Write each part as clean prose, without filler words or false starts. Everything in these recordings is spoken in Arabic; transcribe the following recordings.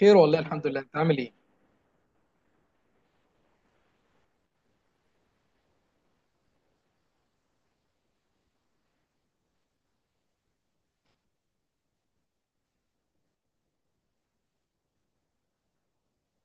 خير، والله الحمد لله. انت عامل ايه؟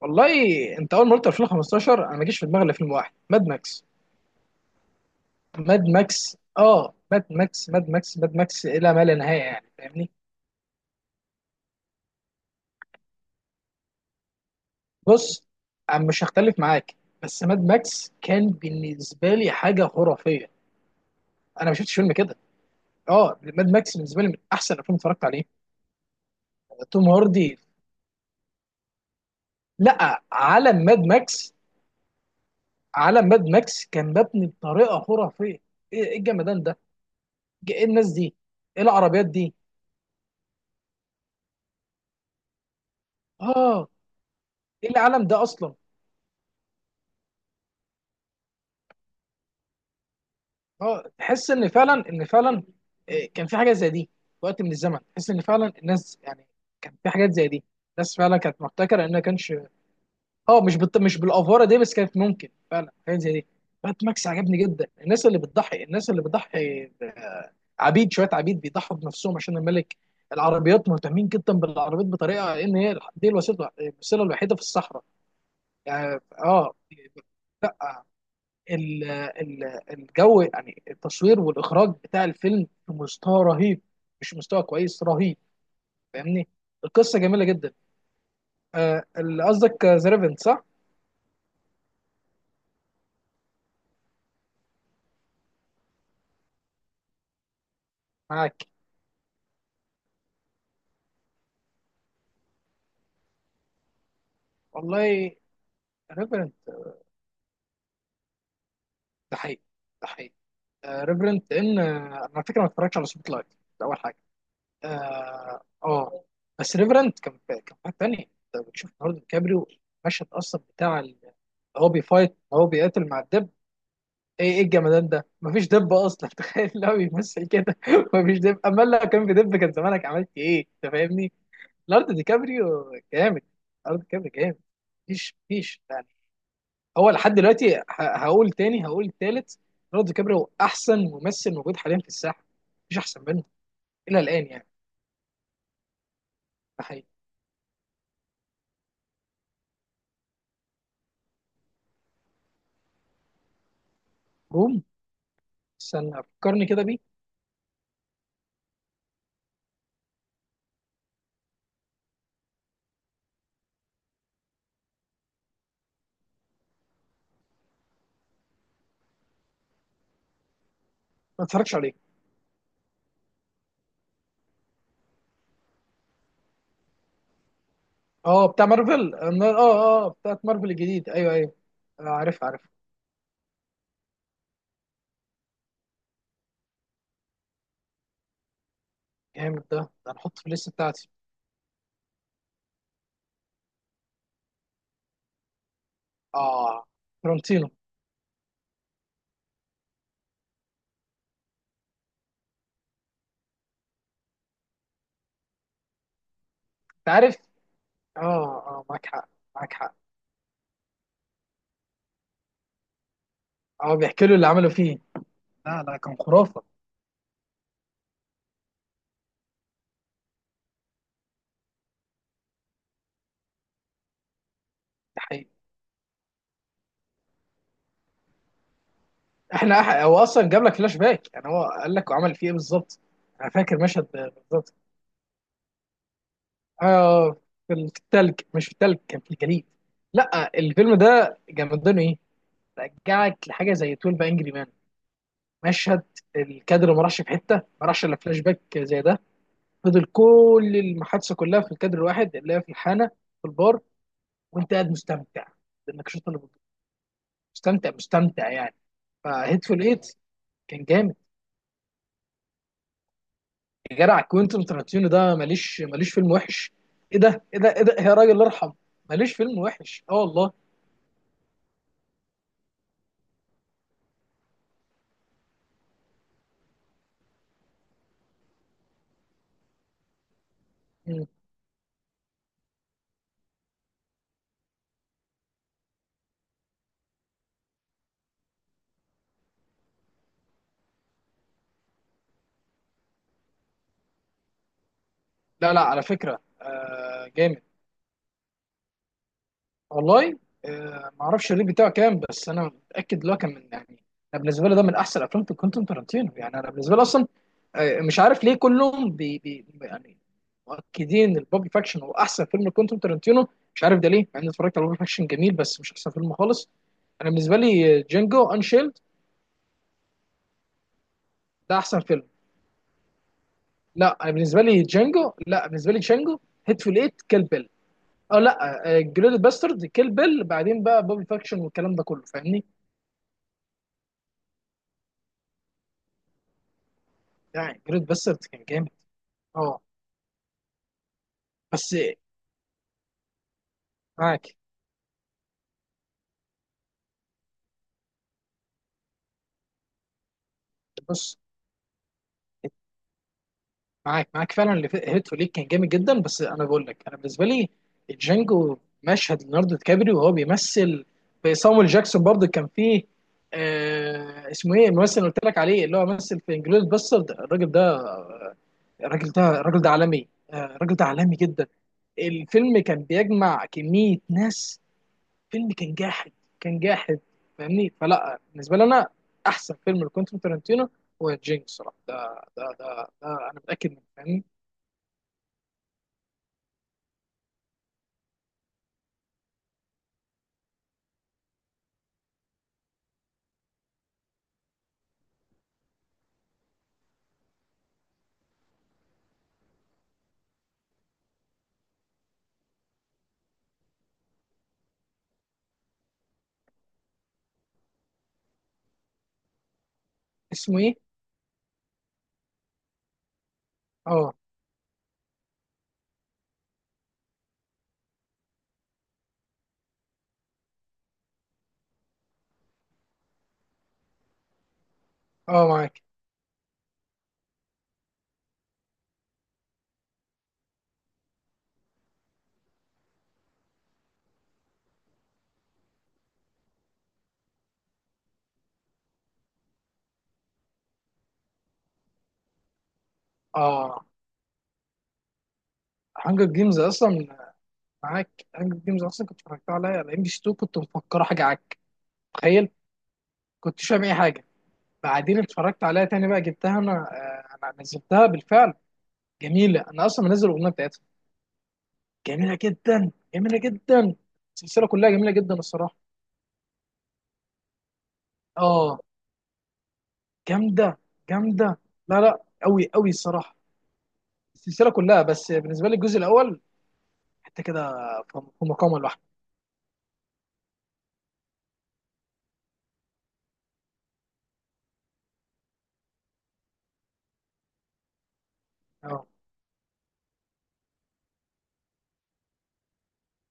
والله، انت اول ما قلت 2015 انا ما جيش في دماغي الا فيلم واحد: ماد ماكس. ماد ماكس، اه، ماد ماكس ماد ماكس ماد ماكس الى ما لا نهايه، يعني فاهمني. بص، انا مش هختلف معاك، بس ماد ماكس كان بالنسبه لي حاجه خرافيه. انا ما شفتش فيلم كده. اه، ماد ماكس بالنسبه لي من احسن الافلام اللي اتفرجت عليه. توم هاردي. لا، عالم ماد ماكس. عالم ماد ماكس كان مبني بطريقه خرافيه. إيه الجمدان ده! إيه الناس دي! ايه العربيات دي! اه، ايه العالم ده اصلا! اه، تحس ان فعلا، كان في حاجه زي دي. في وقت من الزمن تحس ان فعلا الناس، يعني كان في حاجات زي دي. الناس فعلا كانت محتكره انها كانش. اه، مش بالافاره دي، بس كانت ممكن فعلا حاجات زي دي. بات ماكس عجبني جدا. الناس اللي بتضحي الناس اللي بتضحي آه، عبيد، شويه عبيد بيضحوا بنفسهم عشان الملك. العربيات، مهتمين جدا بالعربيات بطريقه ان هي دي الوسيله، الوحيده في الصحراء. يعني اه، لا، الجو، يعني التصوير والاخراج بتاع الفيلم، في مستوى رهيب. مش مستوى كويس، رهيب. فاهمني. القصه جميله جدا. آه، اللي قصدك ذا ريفرنت، صح؟ معاك. والله، ريفرنت. ده حقيقي، ده حقيقي. ريفرنت، لان انا على فكره ما اتفرجتش على سبوت لايت. ده اول حاجه. اه. آه. بس ريفرنت كان، حاجه ثانيه. انت بتشوف النهارده كابريو؟ المشهد اصلا بتاع هو بيفايت هو بيقاتل مع الدب. ايه الجمدان ده! مفيش دب اصلا تخيل لو بيمثل كده مفيش دب، اما لو كان في دب كان زمانك عملت ايه انت، فاهمني. لارد دي كابريو جامد. لارد دي كابريو جامد. مفيش يعني. هو لحد دلوقتي هقول تاني، هقول تالت. لارد دي كابريو احسن ممثل موجود حاليا في الساحه. مفيش احسن منه. الى الان يعني. ده حقيقي. روم، استنى فكرني كده بيه. ما اتفرجش عليه. اه، بتاع مارفل، اه. اه، آه، بتاعت مارفل الجديد، ايوه ايوه. آه، عارف عارف. جامد، ده نحطه في الليست بتاعتي. اه، فلورنتينو. انت عارف. اه، اه، معاك حق، معاك حق. اه، بيحكي له اللي عمله فيه. لا، لا، كان خرافه. ده حقيقي. هو اصلا جاب لك فلاش باك، يعني هو قال لك وعمل فيه ايه بالظبط. انا فاكر مشهد. بالظبط. اه. في التلج، مش في التلج، كان في الجليد. لا، الفيلم ده جامدينه ايه! رجعك لحاجه زي 12 انجري مان. مشهد الكادر ما راحش في حته، ما راحش الا فلاش باك زي ده. فضل كل المحادثه كلها في الكادر الواحد اللي هي في الحانه، في البار. وانت قاعد مستمتع بالنقاشات اللي بتدور. مستمتع، مستمتع يعني. فهيتفول ايت كان جامد. يا جدع، كوينتن ترنتينو ده ماليش، ماليش فيلم وحش. ايه ده، ايه ده، ايه ده، يا راجل ارحم! ماليش فيلم وحش. اه، والله. مم. لا لا، على فكره، آه، جامد. والله، آه، ما اعرفش الريت بتاعه كام، بس انا متاكد اللي هو كان من، يعني انا بالنسبه لي ده من احسن افلام كوينتين تارانتينو. يعني انا بالنسبه لي اصلا، آه، مش عارف ليه كلهم بي، يعني مؤكدين البوب فاكشن هو احسن فيلم لكوينتين تارانتينو. مش عارف ده ليه، مع اني اتفرجت على بوب فاكشن، جميل بس مش احسن فيلم خالص. انا بالنسبه لي جانجو انشيلد ده احسن فيلم. لا، انا بالنسبه لي جانجو. لا، بالنسبه لي جانجو، هيتفول ايت، كيل بيل، او لا جريد باسترد، كيل بيل، بعدين بقى بوبي فاكشن والكلام ده كله، فاهمني. لا جريت باسترد كان جامد. اه، بس معاك. بص، معاك معاك فعلا. اللي هيتو ليك كان جامد جدا، بس انا بقول لك انا بالنسبه لي جانجو. مشهد ليوناردو دي كابريو وهو بيمثل في صامويل جاكسون برضه، كان فيه آه اسمه ايه الممثل اللي قلت لك عليه، اللي هو مثل في انجلوريس باسترد، الراجل ده. الراجل ده، عالمي. آه، الراجل ده عالمي جدا. الفيلم كان بيجمع كميه ناس. فيلم كان جاحد. كان جاحد. فاهمني. فلا، بالنسبه لي انا احسن فيلم لكوينتين تارانتينو هو جينج، الصراحه. ده انا متاكد منه، فاهمني. اسمه ايه؟ اه، اه معاك. اه، هانجر جيمز اصلا. معاك، هانجر جيمز اصلا كنت اتفرجت عليها على ام بي سي 2، كنت مفكره حاجه عك. تخيل. كنتش فاهم اي حاجه. بعدين اتفرجت عليها تاني، بقى جبتها انا. آه، انا نزلتها بالفعل، جميله. انا اصلا منزل الاغنيه بتاعتها. جميله جدا، جميله جدا. السلسله كلها جميله جدا الصراحه. اه، جامده، جامده. لا لا، قوي قوي الصراحه. السلسله كلها، بس بالنسبه لي الجزء الاول حتى كده في في مقامه لوحده. اه،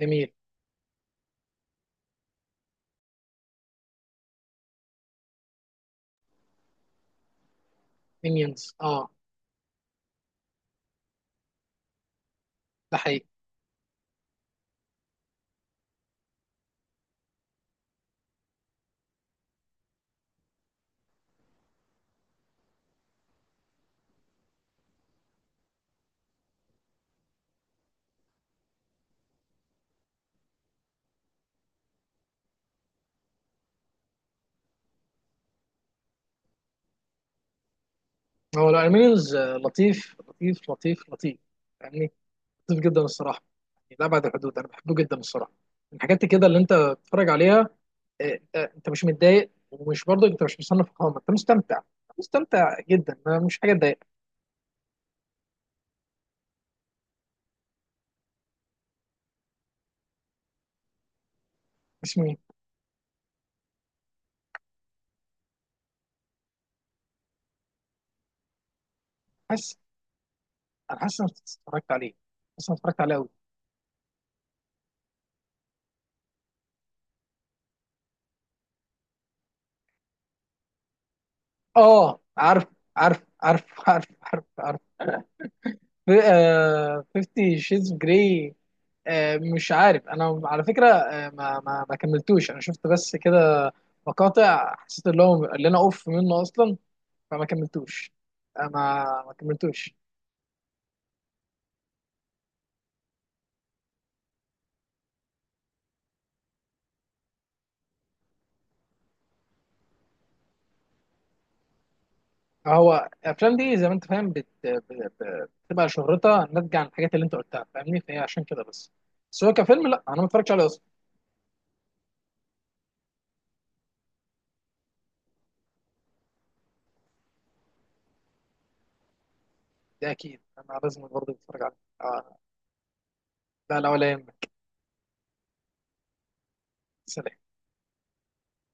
جميل. مينيونز، اه. ده حقيقي. هو لا، مينيونز لطيف، لطيف، لطيف، لطيف يعني. لطيف جدا الصراحه، يعني لا بعد الحدود. انا بحبه جدا الصراحه، من الحاجات كده اللي انت بتتفرج عليها. انت مش متضايق، ومش برضه انت مش مصنف قائمه، انت مستمتع، مستمتع جدا. مش حاجه تضايق. بس مين؟ حاسس، انا حاسس إن انا اتفرجت عليه. حاسس إن انا اتفرجت عليه قوي. اه، عارف عارف عارف عارف عارف عارف. آه، فيفتي شيز جراي. آه مش عارف، انا على فكره، ما كملتوش. انا شفت بس كده مقاطع، حسيت اللي هو اللي انا اوف منه اصلا، فما كملتوش. آه، ما كملتوش. هو الافلام دي زي ما انت فاهم بتبقى شهرتها ناتجه عن الحاجات اللي انت قلتها، فاهمني، فهي عشان كده بس. بس هو كفيلم، لا، انا ما اتفرجتش عليه اصلا. ده اكيد، انا لازم برضه اتفرج عليه. آه. لا لا، ولا يهمك. سلام.